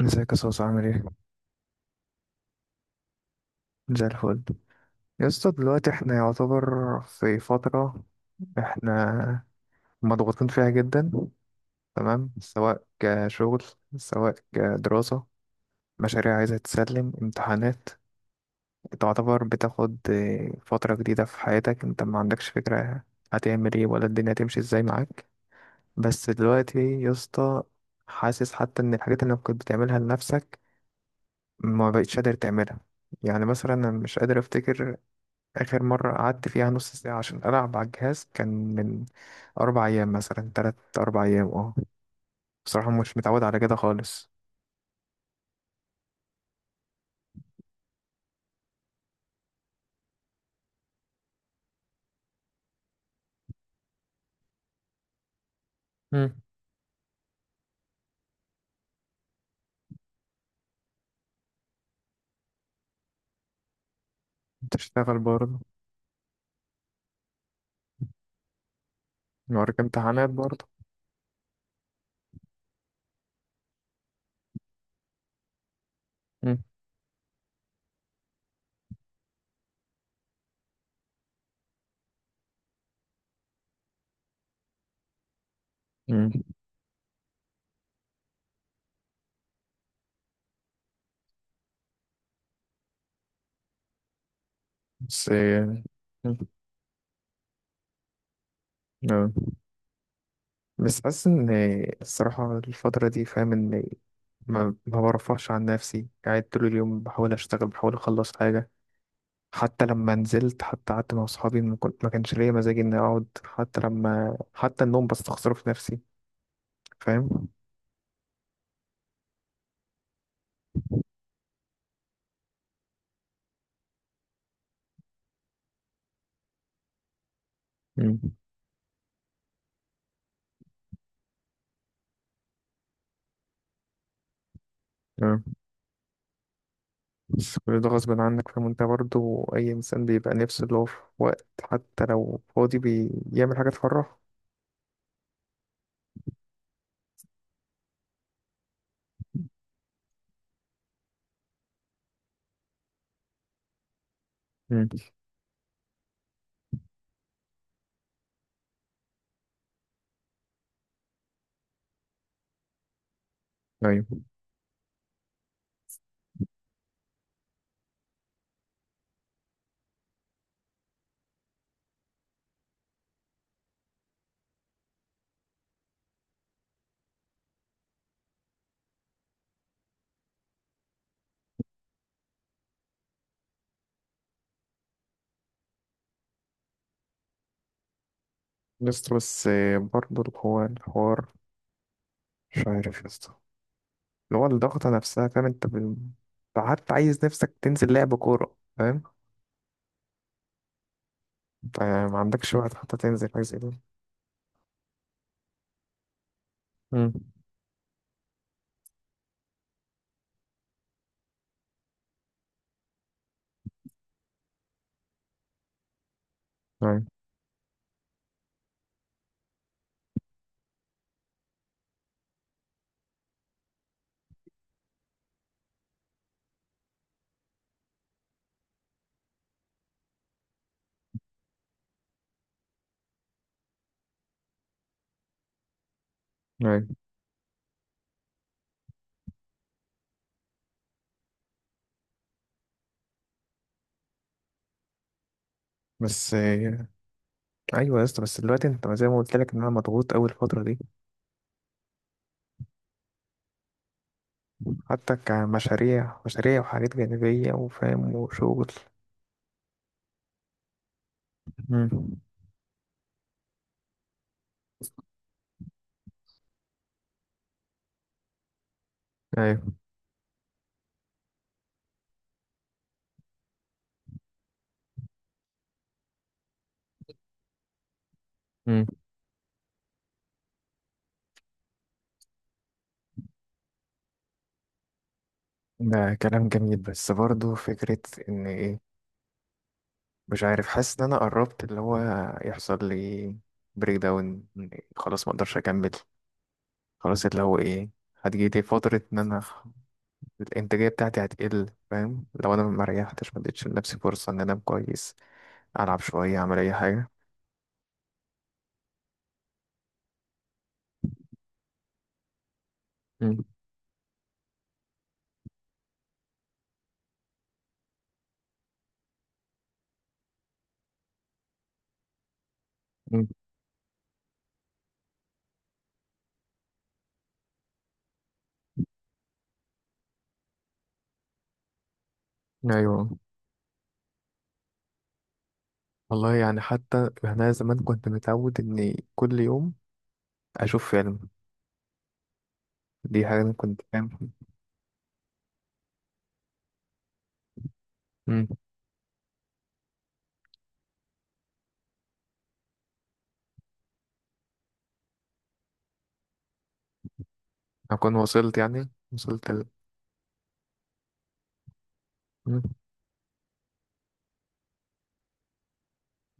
ازيك يا صوص؟ عامل ايه؟ زي الفل. يا اسطى دلوقتي احنا يعتبر في فترة احنا مضغوطين فيها جدا، تمام؟ سواء كشغل، سواء كدراسة، مشاريع عايزة تسلم، امتحانات. تعتبر بتاخد فترة جديدة في حياتك، انت ما عندكش فكرة هتعمل ايه، ولا الدنيا هتمشي ازاي معاك. بس دلوقتي يا اسطى حاسس حتى ان الحاجات اللي كنت بتعملها لنفسك ما بقتش قادر تعملها. يعني مثلا انا مش قادر افتكر آخر مرة قعدت فيها نص ساعة عشان ألعب على الجهاز، كان من أربع أيام مثلا، تلات أربع أيام، اه. بصراحة مش متعود على كده خالص. مم. تشتغل برضه. وراك امتحانات برضه. مم. مم. بس آه، مم. آه. بس حاسس إن الصراحة الفترة دي، فاهم؟ إن ما برفعش عن نفسي، قاعد طول اليوم بحاول أشتغل، بحاول أخلص حاجة. حتى لما نزلت، حتى قعدت مع أصحابي، ما كانش ليا مزاج إني أقعد. حتى لما، حتى النوم بستخسره في نفسي، فاهم؟ مم. تمام. بس كل ده غصب عنك، فاهم؟ انت برضه اي انسان بيبقى نفسه اللي هو في وقت، حتى لو فاضي، بيعمل حاجه تفرحه. مم. ايوه. بس برضه هو الحوار، مش عارف يا اسطى، اللي هو الضغطه نفسها، فاهم؟ انت حتى عايز نفسك تنزل لعب كوره، فاهم؟ انت ما عندكش وقت حتى تنزل حاجه زي كده. مم. ايوه. ايوه. بس آه، ايوه يا اسطى. بس دلوقتي انت زي ما قلت لك ان انا مضغوط اول الفتره دي. حتى كمشاريع، مشاريع وحاجات جانبية، وفاهم، وشغل. مم. ايوه. مم. ده كلام جميل، بس برضو فكرة ان ايه، مش عارف، حاسس ان انا قربت اللي هو يحصل لي بريك داون، خلاص ما اقدرش اكمل، خلاص اللي هو ايه. هتجيلي فترة ان انا خ- الانتاجية بتاعتي هتقل، فاهم؟ لو انا ما ريحتش، ما اديتش لنفسي فرصة ان انا انام كويس، العب شوية، اعمل اي حاجة. مم. مم. ايوه. والله يعني حتى انا زمان كنت متعود اني كل يوم اشوف فيلم. دي حاجه انا كنت فاهم. امم. اكون وصلت ال... مم.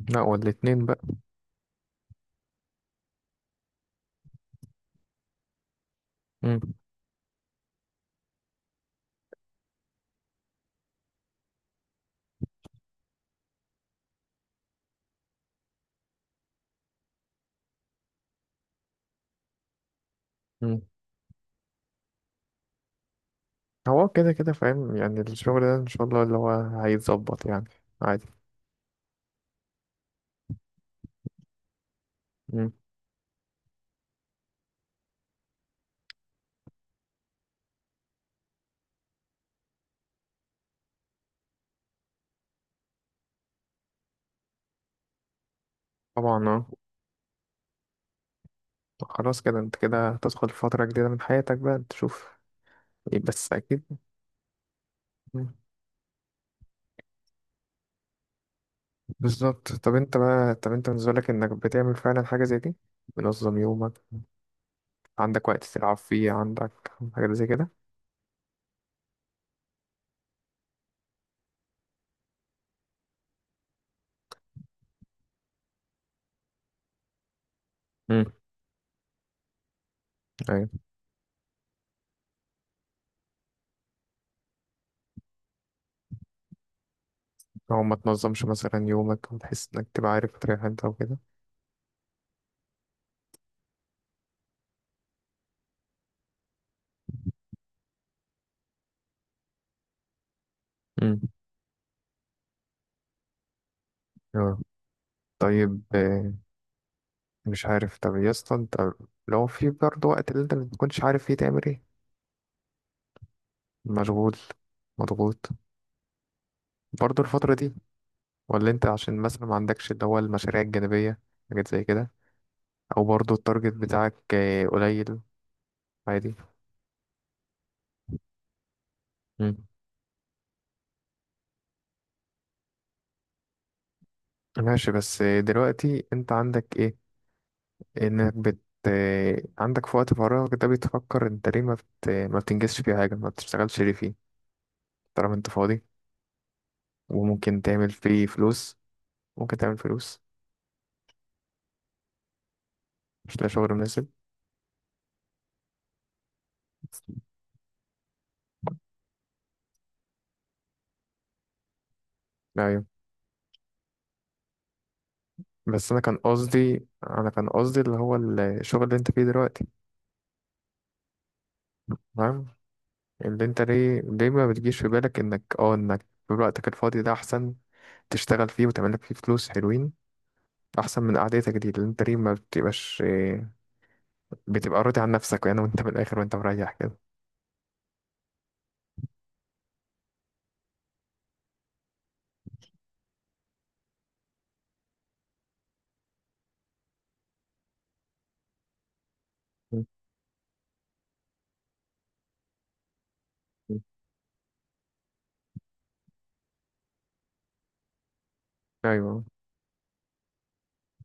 لا، والاتنين بقى. مم. مم. هو كده كده، فاهم؟ يعني الشغل ده ان شاء الله اللي هو هيتظبط يعني، عادي. مم. طبعا اه. خلاص كده، انت كده هتدخل في فتره جديده من حياتك بقى، تشوف إيه، بس اكيد. مم. بالظبط. طب انت بالنسبه لك، انك بتعمل فعلا حاجه زي دي، منظم يومك، عندك وقت تلعب فيه، عندك حاجات زي كده. امم. أيوة. لو ما تنظمش مثلا يومك وتحس إنك تبقى عارف تريح أنت وكده. امم. أيوة. طيب آه، مش عارف. طب يا اسطى، أنت لو في برضه وقت اللي أنت ما تكونش عارف فيه تعمل إيه، مشغول، مضغوط، برضه الفترة دي؟ ولا أنت عشان مثلا ما عندكش اللي هو المشاريع الجانبية، حاجات زي كده؟ أو برضه التارجت بتاعك آه، قليل، عادي؟ امم. ماشي. بس آه، دلوقتي انت عندك ايه، انك بت عندك في وقت فراغك ده بتفكر انت ليه ما بتنجزش فيه حاجة، ما بتشتغلش ليه فيه، طالما انت فاضي وممكن تعمل فيه فلوس، ممكن تعمل فلوس. مش لاقي شغل مناسب؟ ايوه بس انا كان قصدي، انا كان قصدي اللي هو الشغل اللي انت فيه دلوقتي. فاهم؟ اللي انت ليه ما بتجيش في بالك انك اه انك في وقتك الفاضي ده احسن تشتغل فيه وتعمل لك فيه فلوس حلوين، احسن من قعدتك دي. اللي انت ليه ما بتبقاش إيه، بتبقى راضي عن نفسك يعني، وانت من الاخر وانت مريح كده. ايوه.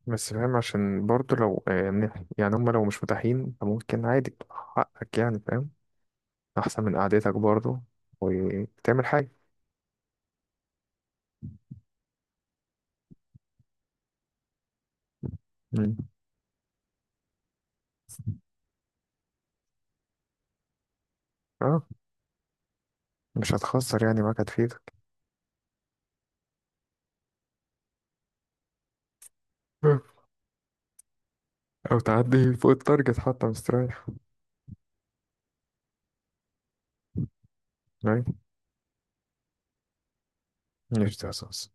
بس فاهم، عشان برضه لو يعني، يعني هم لو مش متاحين، فممكن عادي حقك يعني، فاهم؟ احسن من قعدتك برضه، وتعمل حاجه. مم. اه. مش هتخسر يعني، معاك هتفيدك. آه. او تعدي فوق التارجت حتى، مستريح. ايوه. مش ده اساس.